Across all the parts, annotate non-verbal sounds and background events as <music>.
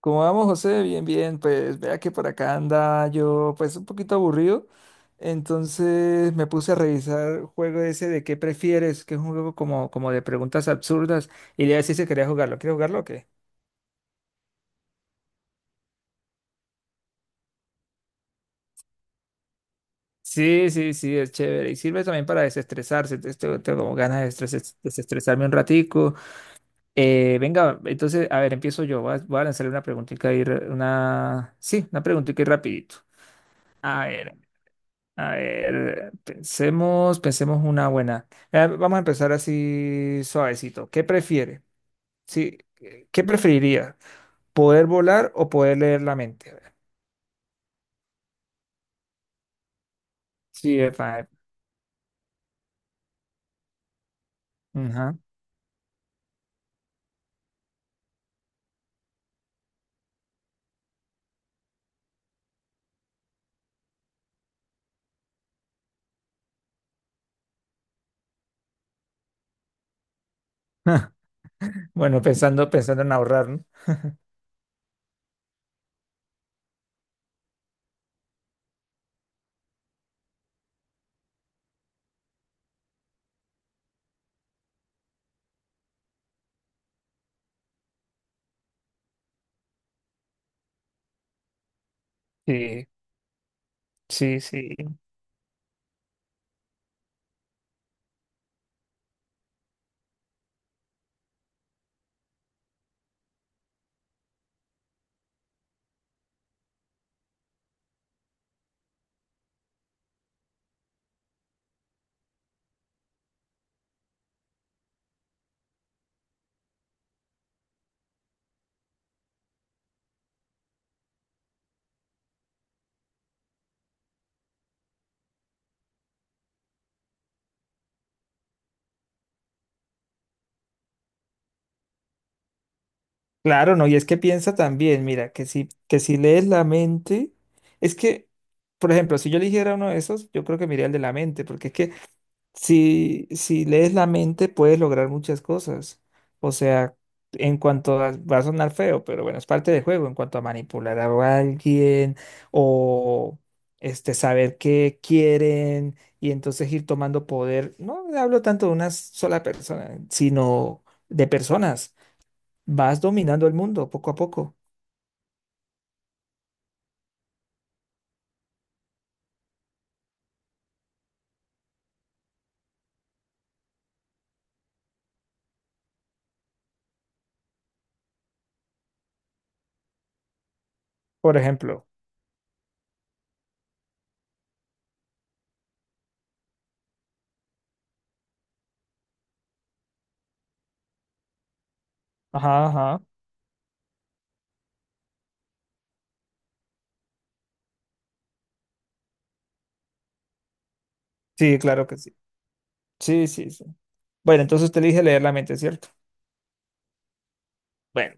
¿Cómo vamos, José? Bien, pues vea que por acá anda yo pues un poquito aburrido, entonces me puse a revisar juego ese de qué prefieres, que es un juego como de preguntas absurdas y le decía si quería jugarlo. ¿Quieres jugarlo o qué? Sí, es chévere y sirve también para desestresarse, entonces tengo como ganas de desestresarme un ratico. Venga, entonces, a ver, empiezo yo, voy a lanzarle una preguntita ahí, una preguntita ahí rapidito. A ver. A ver, pensemos una buena. Vamos a empezar así suavecito. ¿Qué prefiere? Sí, ¿qué preferiría? ¿Poder volar o poder leer la mente? A ver. Sí, epa, ajá. <laughs> Bueno, pensando en ahorrar, ¿no? Sí, sí, sí. Claro, no, y es que piensa también, mira, que si lees la mente, es que, por ejemplo, si yo eligiera uno de esos, yo creo que me iría el de la mente, porque es que si, si lees la mente, puedes lograr muchas cosas. O sea, en cuanto a, va a sonar feo, pero bueno, es parte del juego. En cuanto a manipular a alguien o este, saber qué quieren y entonces ir tomando poder. No hablo tanto de una sola persona, sino de personas. Vas dominando el mundo poco a poco. Por ejemplo. Ajá, ajá. Sí, claro que sí. Sí, sí, sí. Bueno, entonces te dije leer la mente, ¿cierto? Bueno.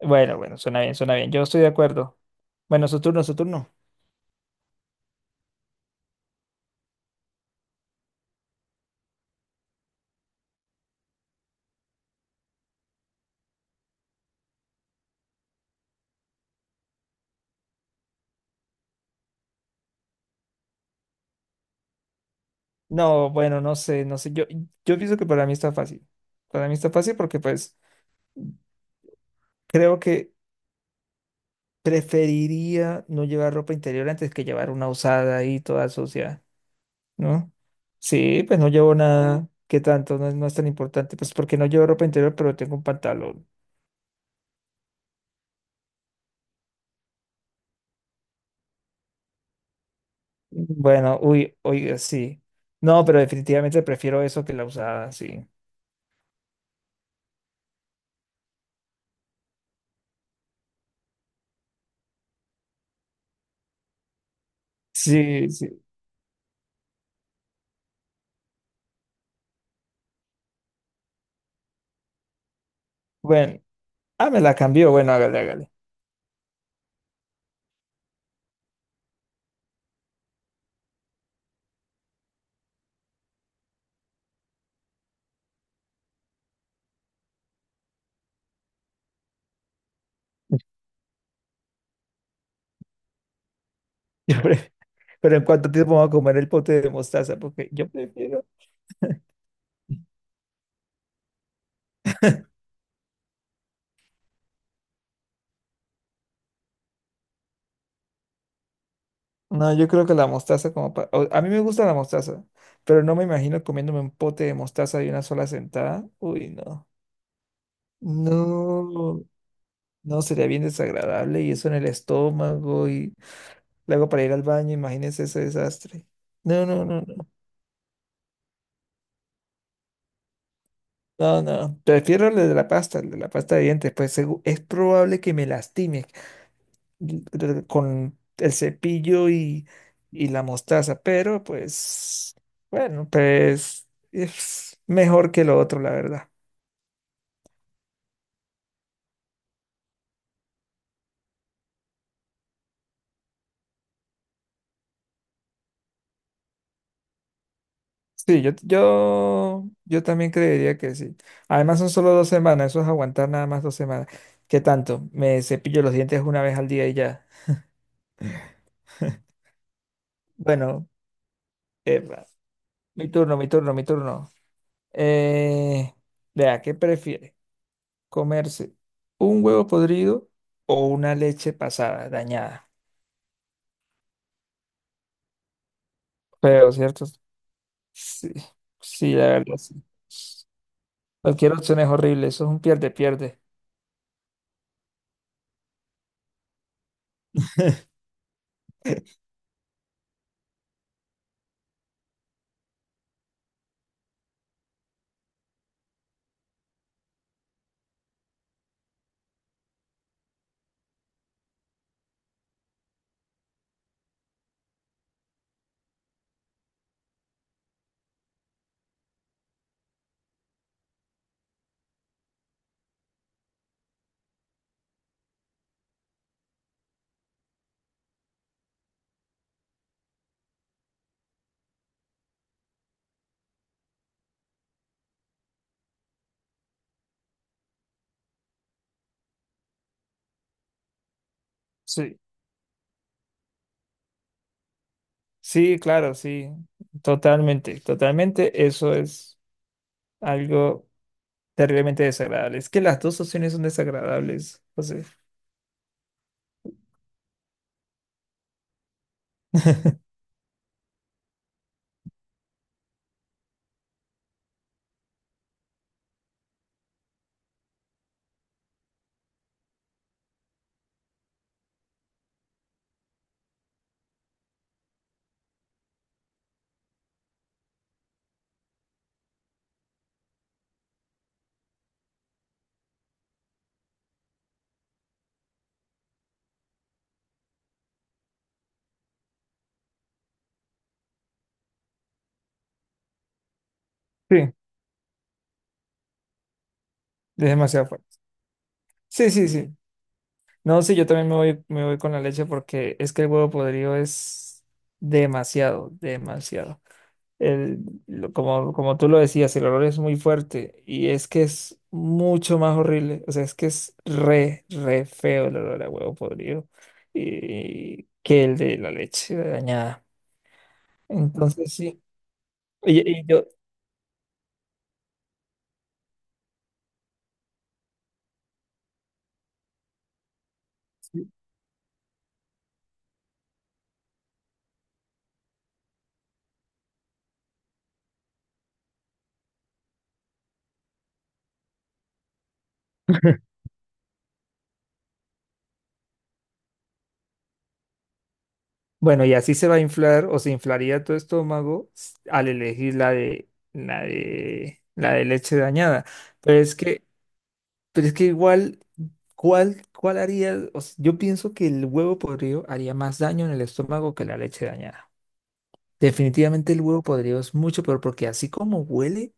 Bueno, bueno, suena bien, suena bien. Yo estoy de acuerdo. Bueno, su turno. No, bueno, no sé, no sé. Yo pienso que para mí está fácil. Para mí está fácil porque pues creo que preferiría no llevar ropa interior antes que llevar una usada ahí toda sucia, ¿no? Sí, pues no llevo nada. ¿Qué tanto? No es tan importante. Pues porque no llevo ropa interior, pero tengo un pantalón. Bueno, uy, oiga, sí. No, pero definitivamente prefiero eso que la usada, sí. Sí, sí. Bueno, ah, me la cambió. Bueno, hágale. <laughs> Yo pre- Pero ¿en cuánto tiempo vamos a comer el pote de mostaza? Porque yo prefiero. No, yo creo que la mostaza como pa- o- a mí me gusta la mostaza, pero no me imagino comiéndome un pote de mostaza de una sola sentada. Uy, no. No, no, sería bien desagradable y eso en el estómago y luego para ir al baño, imagínense ese desastre. No, no, no, no. No, no. Prefiero el de la pasta, el de la pasta de dientes, pues es probable que me lastime con el cepillo y la mostaza, pero pues, bueno, pues es mejor que lo otro, la verdad. Sí, yo también creería que sí. Además son solo dos semanas, eso es aguantar nada más dos semanas. ¿Qué tanto? Me cepillo los dientes una vez al día y ya. <laughs> Bueno, epa, mi turno. Eh, Vea, ¿qué prefiere? ¿Comerse un huevo podrido o una leche pasada, dañada? Pero, ¿cierto? Sí, sí, la verdad, sí. Cualquier opción es horrible, eso es un pierde-pierde. <laughs> Sí, sí, claro, sí, totalmente, totalmente, eso es algo terriblemente desagradable. Es que las dos opciones son desagradables, José. <laughs> Sí, es demasiado fuerte. Sí, sí, sí. No, sí, yo también me voy con la leche porque es que el huevo podrido es demasiado, demasiado. el- Como, como tú lo decías, el olor es muy fuerte y es que es mucho más horrible. O sea, es que es re, re feo el olor a huevo podrido y, que el de la leche dañada. Entonces, sí. Y, y yo, sí. <laughs> Bueno, y así se va a inflar o se inflaría tu estómago al elegir la de leche dañada. Pero es que Pero es que igual, cuál haría? O sea, yo pienso que el huevo podrido haría más daño en el estómago que la leche dañada. Definitivamente el huevo podrido es mucho peor porque así como huele,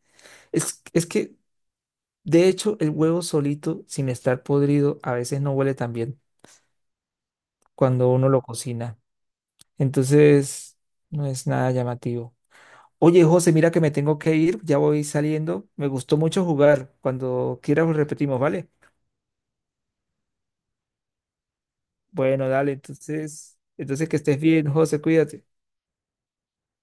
es que de hecho el huevo solito, sin estar podrido, a veces no huele tan bien cuando uno lo cocina. Entonces, no es nada llamativo. Oye, José, mira que me tengo que ir, ya voy saliendo. Me gustó mucho jugar. Cuando quieras repetimos, ¿vale? Bueno, dale, entonces que estés bien, José, cuídate.